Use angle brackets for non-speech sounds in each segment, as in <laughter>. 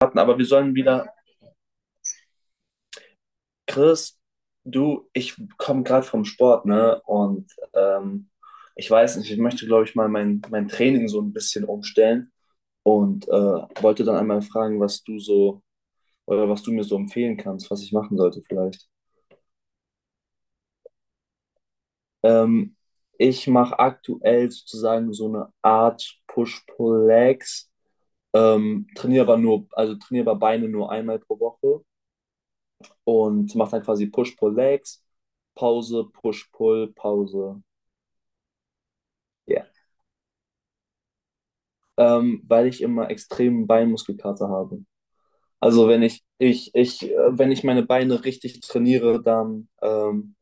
Hatten, aber wir sollen wieder. Chris, du, ich komme gerade vom Sport, ne? Und ich weiß nicht, ich möchte, glaube ich, mal mein Training so ein bisschen umstellen und wollte dann einmal fragen, was du so oder was du mir so empfehlen kannst, was ich machen sollte vielleicht. Ähm, Ich mache aktuell sozusagen so eine Art Push-Pull-Legs, trainiere aber Beine nur einmal pro Woche und macht dann quasi Push-Pull-Legs, Pause, Push-Pull, Pause. Ja. Weil ich immer extremen Beinmuskelkater habe. Also wenn wenn ich meine Beine richtig trainiere, dann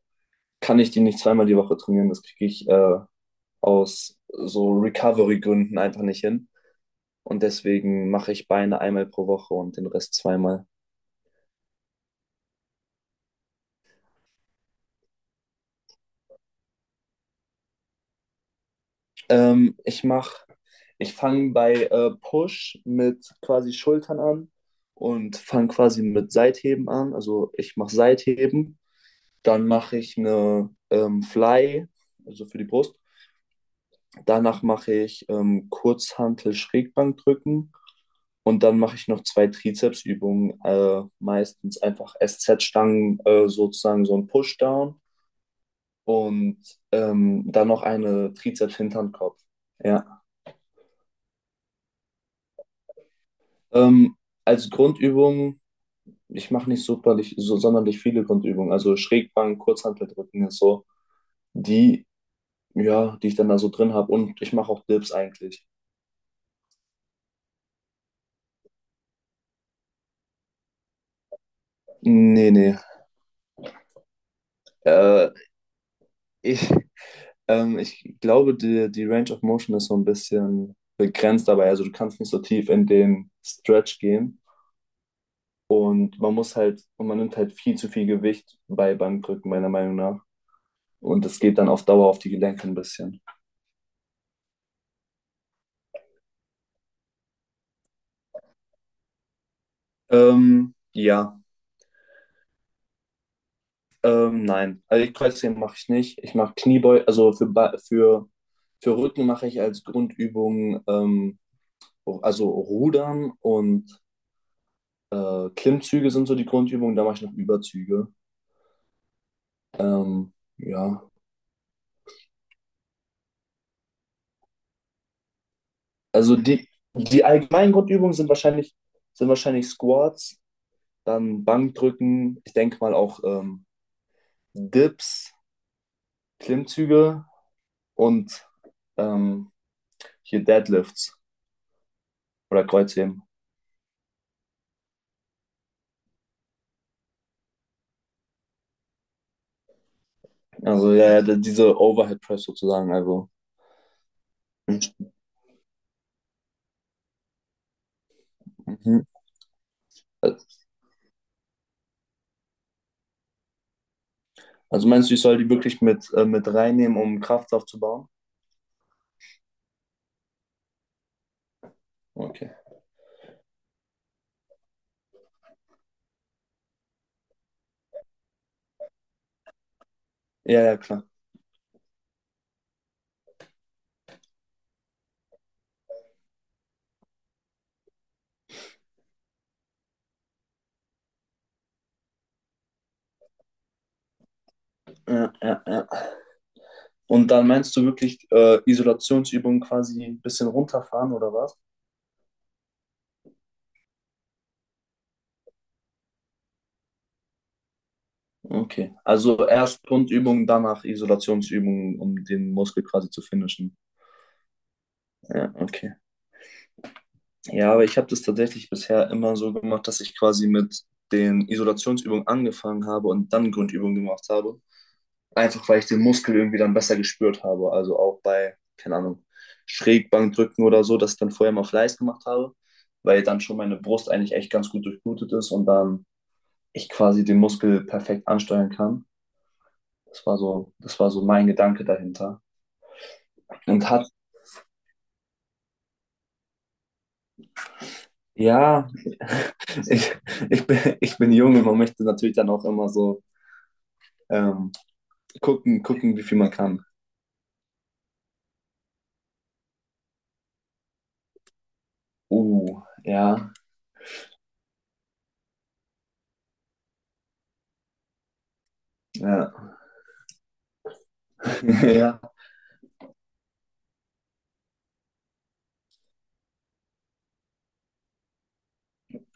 kann ich die nicht zweimal die Woche trainieren. Das kriege ich aus so Recovery-Gründen einfach nicht hin. Und deswegen mache ich Beine einmal pro Woche und den Rest zweimal. Ähm, ich mach, Ich fange bei Push mit quasi Schultern an und fange quasi mit Seitheben an. Also ich mache Seitheben, dann mache ich eine Fly, also für die Brust. Danach mache ich Kurzhantel Schrägbankdrücken und dann mache ich noch zwei Trizepsübungen, meistens einfach SZ-Stangen, sozusagen so ein Pushdown und dann noch eine Trizeps-Hinternkopf. Ja. Ähm, Als Grundübung, ich mache nicht superlich, so sonderlich viele Grundübungen. Also Schrägbank, Kurzhanteldrücken ist so die, ja, die ich dann da so drin habe. Und ich mache auch Dips eigentlich. Nee, nee. Äh, ich, Ich glaube, die Range of Motion ist so ein bisschen begrenzt dabei. Also du kannst nicht so tief in den Stretch gehen. Und man nimmt halt viel zu viel Gewicht bei Bankdrücken, meiner Meinung nach. Und das geht dann auf Dauer auf die Gelenke ein bisschen. Ja. Nein, also die Kreuzheben mache ich nicht. Ich mache Kniebeugen, also für Rücken mache ich als Grundübung, also Rudern und Klimmzüge sind so die Grundübungen, da mache ich noch Überzüge. Ähm, ja, also die allgemeinen Grundübungen sind sind wahrscheinlich Squats, dann Bankdrücken, ich denke mal auch Dips, Klimmzüge und ähm, hier Deadlifts oder Kreuzheben. Also ja, ja, diese Overhead Press sozusagen. Also, mhm. Also meinst du, ich soll die wirklich mit reinnehmen, um Kraft aufzubauen? Okay. Ja, ja, klar. Ja, ja, ja. Und dann meinst du wirklich Isolationsübungen quasi ein bisschen runterfahren oder was? Okay. Also erst Grundübungen, danach Isolationsübungen, um den Muskel quasi zu finishen. Ja, okay. Ja, aber ich habe das tatsächlich bisher immer so gemacht, dass ich quasi mit den Isolationsübungen angefangen habe und dann Grundübungen gemacht habe. Einfach weil ich den Muskel irgendwie dann besser gespürt habe. Also auch bei, keine Ahnung, Schrägbankdrücken oder so, dass ich dann vorher mal Fleiß gemacht habe, weil dann schon meine Brust eigentlich echt ganz gut durchblutet ist und dann ich quasi den Muskel perfekt ansteuern kann. Das war so mein Gedanke dahinter. Und hat, ja, ich, ich bin jung und man möchte natürlich dann auch immer so ähm, gucken, wie viel man kann. Ja, ja, <laughs> ja,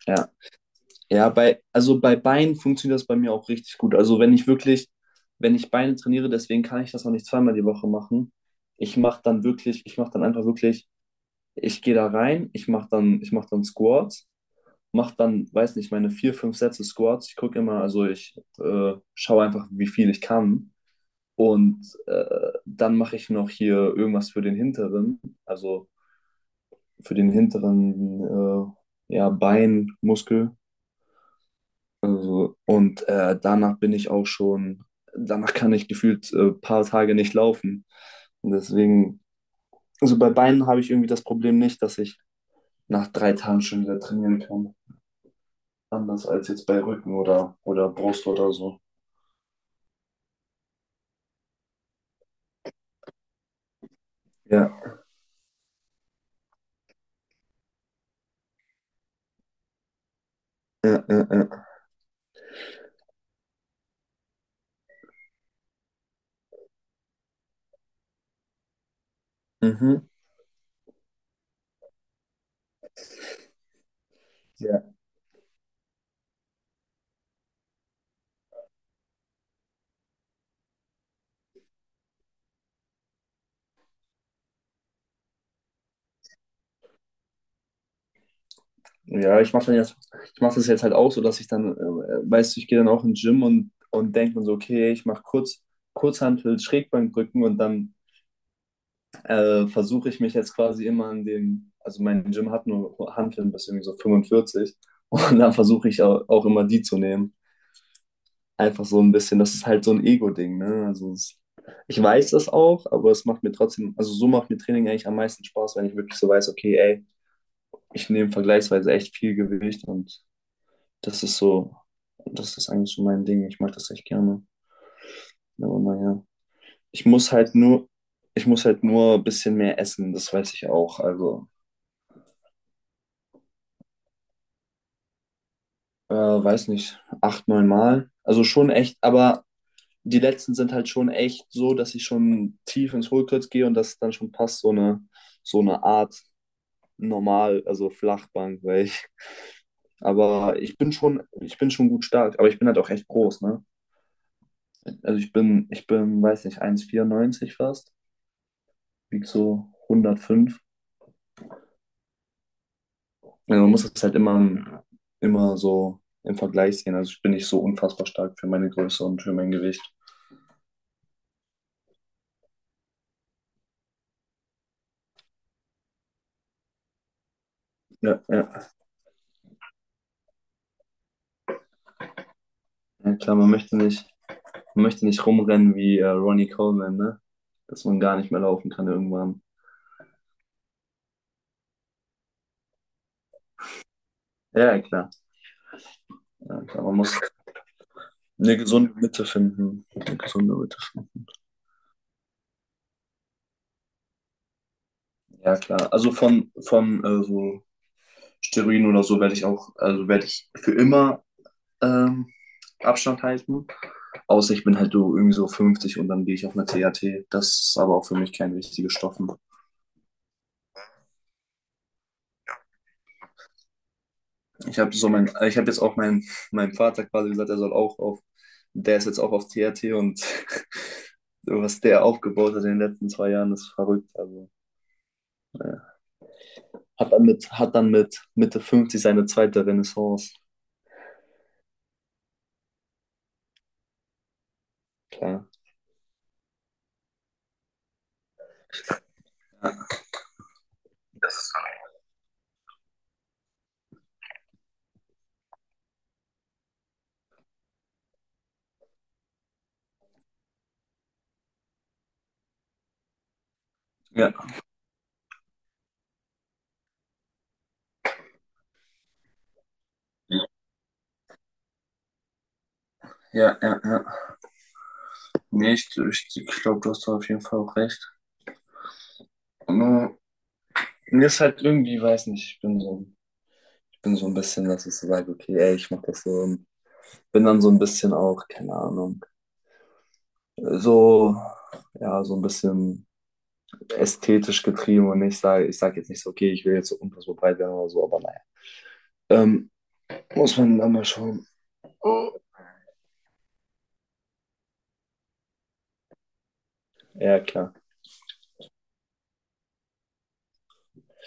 ja. Ja, bei Beinen funktioniert das bei mir auch richtig gut. Also wenn ich Beine trainiere, deswegen kann ich das auch nicht zweimal die Woche machen. Ich mache dann einfach wirklich, ich gehe da rein, ich mache dann Squats, mache dann, weiß nicht, meine vier, fünf Sätze Squats. Ich gucke immer, also ich schaue einfach, wie viel ich kann. Und dann mache ich noch hier irgendwas für den hinteren, also für den hinteren ja, Beinmuskel. Also, und danach bin ich auch schon, danach kann ich gefühlt ein paar Tage nicht laufen. Und deswegen, also bei Beinen habe ich irgendwie das Problem nicht, dass ich nach 3 Tagen schon wieder trainieren kann. Anders als jetzt bei Rücken oder Brust oder so. Ja, ja, ja, ja. Mhm. Ja, ja, ich mache das jetzt halt auch so, dass ich dann, weißt du, ich gehe dann auch ins Gym und denke mir so, okay, ich mache kurz, Kurzhantel, Schrägbankdrücken und dann versuche ich mich jetzt quasi immer an dem, also mein Gym hat nur Hanteln bis irgendwie so 45 und dann versuche ich auch immer die zu nehmen. Einfach so ein bisschen, das ist halt so ein Ego-Ding, ne? Also ich weiß das auch, aber es macht mir trotzdem, also so macht mir Training eigentlich am meisten Spaß, wenn ich wirklich so weiß, okay, ey, ich nehme vergleichsweise echt viel Gewicht und das ist so, das ist eigentlich so mein Ding. Ich mag das echt gerne. Aber naja. Ich muss halt nur, Ich muss halt nur ein bisschen mehr essen, das weiß ich auch. Also weiß nicht, acht, neun Mal. Also schon echt, aber die letzten sind halt schon echt so, dass ich schon tief ins Hohlkreuz gehe und das dann schon passt, so eine Art normal, also Flachbank, aber ich bin schon gut stark, aber ich bin halt auch echt groß, ne? Also ich bin, weiß nicht, 1,94 fast, wieg so 105. Also man muss das halt immer, immer so im Vergleich sehen. Also ich bin nicht so unfassbar stark für meine Größe und für mein Gewicht. Ja, ja. Ja, klar, man möchte nicht rumrennen wie Ronnie Coleman, ne? Dass man gar nicht mehr laufen kann irgendwann. Ja, ja, klar. Ja, klar. Man muss eine gesunde Mitte finden. Eine gesunde Mitte finden. Ja, klar. Also von so Steroiden oder so werde ich für immer ähm, Abstand halten. Außer ich bin halt so irgendwie so 50 und dann gehe ich auf eine THT. Das ist aber auch für mich kein wichtiges Stoff, ne? Ich habe jetzt auch meinem Vater quasi gesagt, er soll auch auf, der ist jetzt auch auf TRT und <laughs> was der aufgebaut hat in den letzten 2 Jahren, ist verrückt. Also, ja. Hat dann mit Mitte 50 seine zweite Renaissance. Klar. Ja, das- ja, ja, ja, ja. Nee, ich glaube, du hast da auf jeden Fall auch recht. Nur, mir ist halt irgendwie, weiß nicht, ich bin so ein bisschen, dass ich so sage, okay, ey, ich mach das so. Bin dann so ein bisschen auch, keine Ahnung, so, ja, so ein bisschen ästhetisch getrieben und ich sage jetzt nicht so, okay, ich will jetzt so unfassbar breit werden oder so, aber naja. Ähm, Muss man dann mal schauen. Ja, klar.